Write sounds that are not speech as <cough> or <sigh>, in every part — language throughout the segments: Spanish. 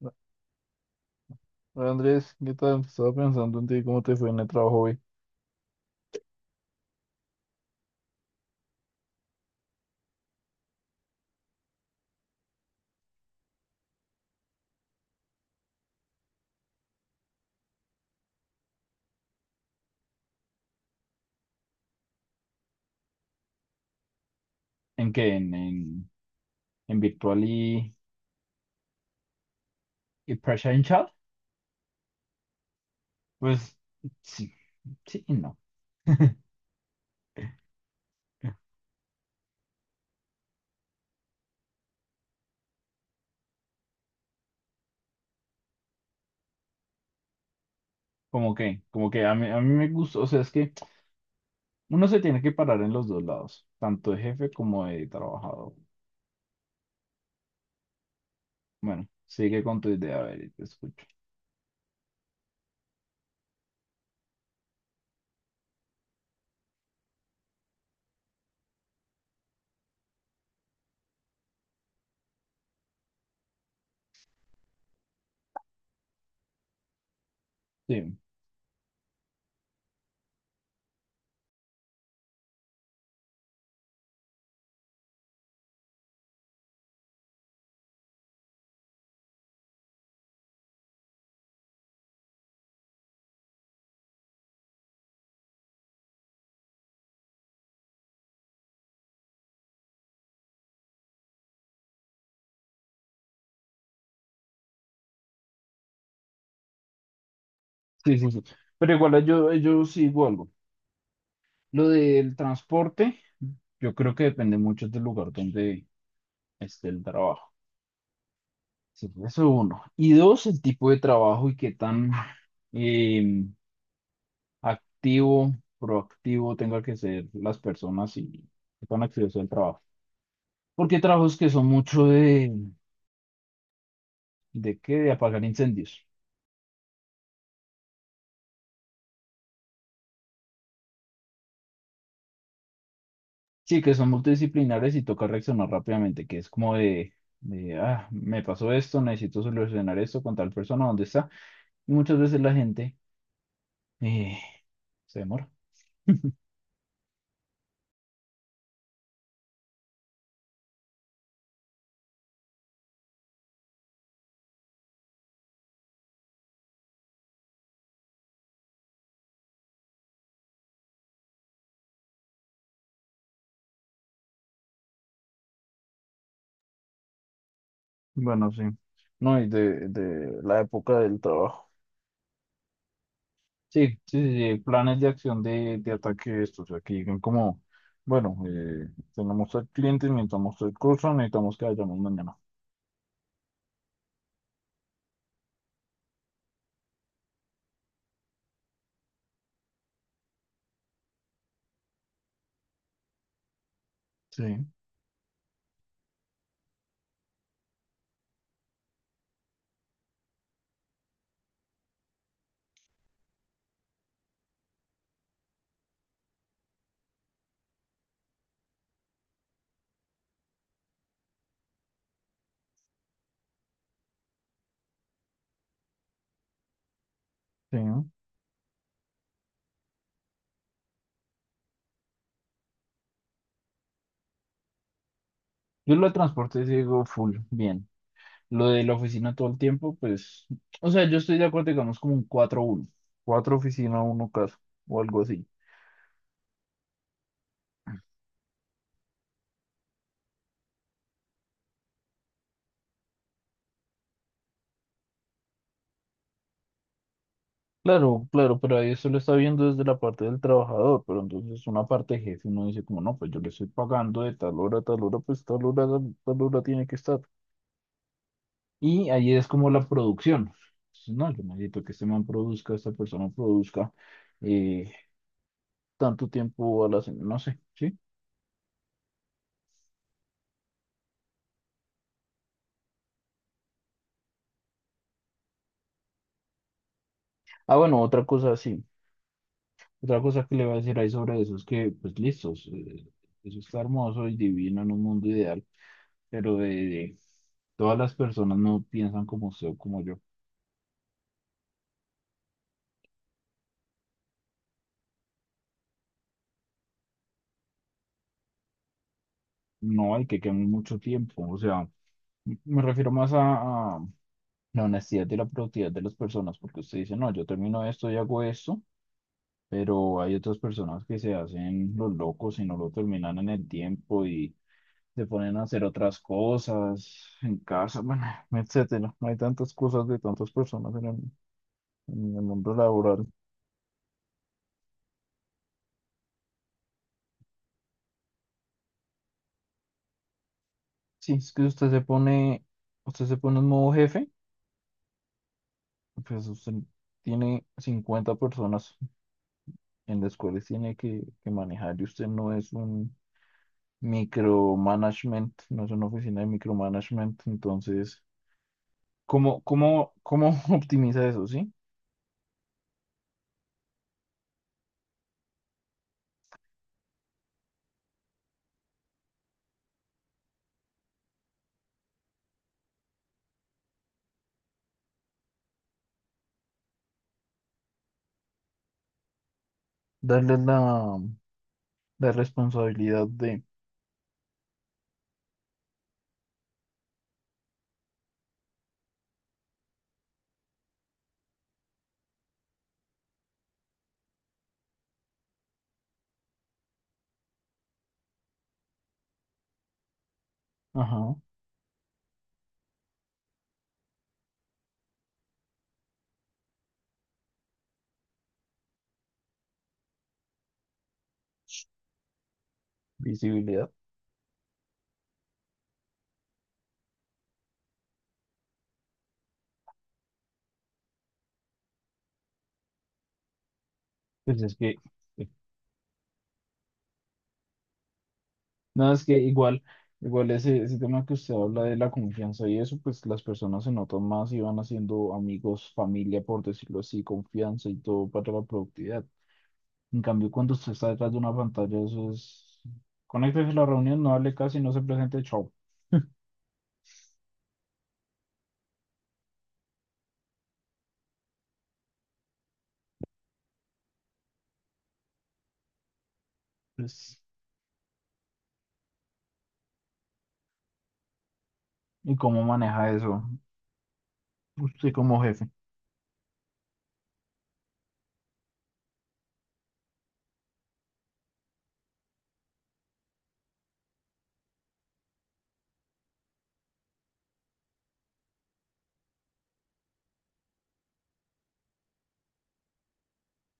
No. Hola, Andrés, ¿qué tal? Estaba pensando en ti, ¿cómo te fue en el trabajo hoy? ¿En qué? ¿En virtual y presential? Chat? Pues sí, sí y no. Como que a mí me gustó, o sea, es que uno se tiene que parar en los dos lados, tanto de jefe como de trabajador. Bueno, sigue con tu idea, a ver, te escucho. Sí, sí, sí, sí. Pero igual yo sigo algo. Lo del transporte, yo creo que depende mucho del lugar donde esté el trabajo. Sí, pues, eso uno. Y dos, el tipo de trabajo y qué tan eh, activo, proactivo tenga que ser las personas y qué tan activo sea el trabajo. Porque hay trabajos que son mucho ¿de qué? De apagar incendios. Sí, que son multidisciplinares y toca reaccionar rápidamente, que es como de, me pasó esto, necesito solucionar esto con tal persona, ¿dónde está? Y muchas veces la gente eh, se demora. Bueno, sí. No, y de la época del trabajo. Sí, sí, sí, sí, planes de acción de ataque estos, o sea, que digan como, bueno, tenemos al cliente, necesitamos el curso, necesitamos que vayamos mañana. Sí, sí. ¿No? Yo lo de transporte sí digo full, bien. Lo de la oficina todo el tiempo, pues, o sea, yo estoy de acuerdo, digamos, como un cuatro uno, cuatro oficina, uno casa, o algo así. Claro, claro, pero ahí eso lo está viendo desde la parte del trabajador, pero entonces una parte jefe, uno dice como, no, pues yo le estoy pagando de tal hora a tal hora, pues tal hora tiene que estar. Y ahí es como la producción. Entonces, no, yo necesito que este man produzca, esta persona produzca eh, tanto tiempo a la semana, no sé, ¿sí? Ah, bueno, otra cosa, sí. Otra cosa que le voy a decir ahí sobre eso es que, pues listos, eso está hermoso y divino en un mundo ideal, pero todas las personas no piensan como usted o como yo. No hay que quemar mucho tiempo, o sea, me refiero más a, la honestidad y la productividad de las personas, porque usted dice, no, yo termino esto y hago esto. Pero hay otras personas que se hacen los locos y no lo terminan en el tiempo y se ponen a hacer otras cosas en casa, <laughs> bueno, etcétera. No hay tantas cosas de tantas personas en el mundo laboral. Sí, es que usted se pone en modo jefe, pues usted tiene 50 personas en las cuales tiene que manejar y usted no es un micromanagement, no es una oficina de micromanagement, entonces, ¿cómo <laughs> optimiza eso, sí? Darle la responsabilidad de, ajá, visibilidad. Pues es que, eh, no, es que igual ese tema que usted habla de la confianza y eso, pues las personas se notan más y van haciendo amigos, familia, por decirlo así, confianza y todo para la productividad. En cambio, cuando usted está detrás de una pantalla, eso es, conéctese a la reunión, no hable casi, no se presente, chao. Pues, ¿y cómo maneja eso usted como jefe?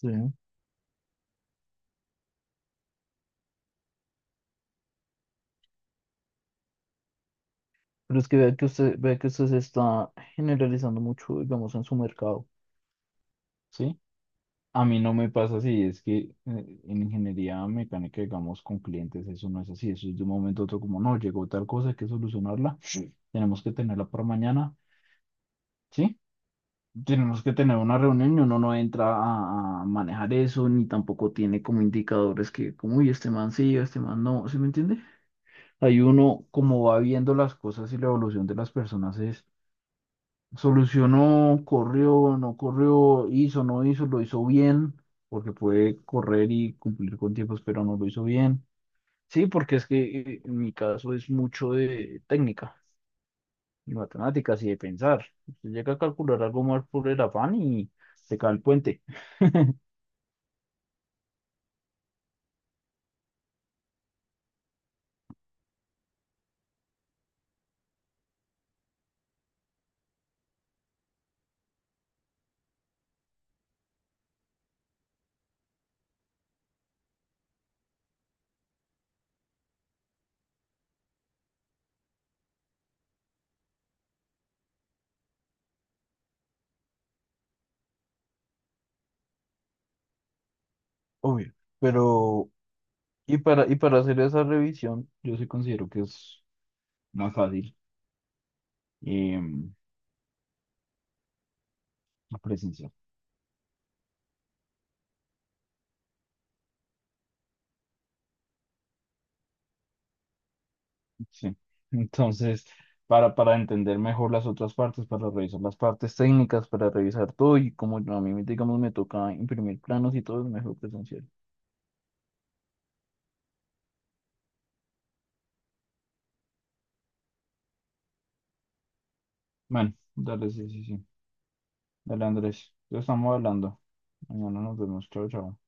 Sí. Pero es que vea que usted se está generalizando mucho, digamos, en su mercado, ¿sí? A mí no me pasa así, es que en ingeniería mecánica, digamos, con clientes, eso no es así, eso es de un momento a otro como, no, llegó tal cosa, hay que solucionarla, tenemos que tenerla para mañana, ¿sí? Tenemos que tener una reunión y uno no entra a, manejar eso, ni tampoco tiene como indicadores que, como, uy, este man sí, este man no, ¿sí me entiende? Ahí uno, como va viendo las cosas y la evolución de las personas es solucionó, corrió, no corrió, hizo, no hizo, lo hizo bien, porque puede correr y cumplir con tiempos, pero no lo hizo bien. Sí, porque es que en mi caso es mucho de técnica y matemáticas y de pensar. Usted llega a calcular algo más por el afán y se cae el puente, obvio. Pero, y para hacer esa revisión, yo sí considero que es más fácil eh, la presencial. Sí. <laughs> Entonces, para entender mejor las otras partes, para revisar las partes técnicas, para revisar todo y como a mí, digamos, me toca imprimir planos y todo es mejor presencial. Bueno, dale, sí, sí, sí. Dale, Andrés. Ya estamos hablando. Mañana nos vemos. Chao, chao.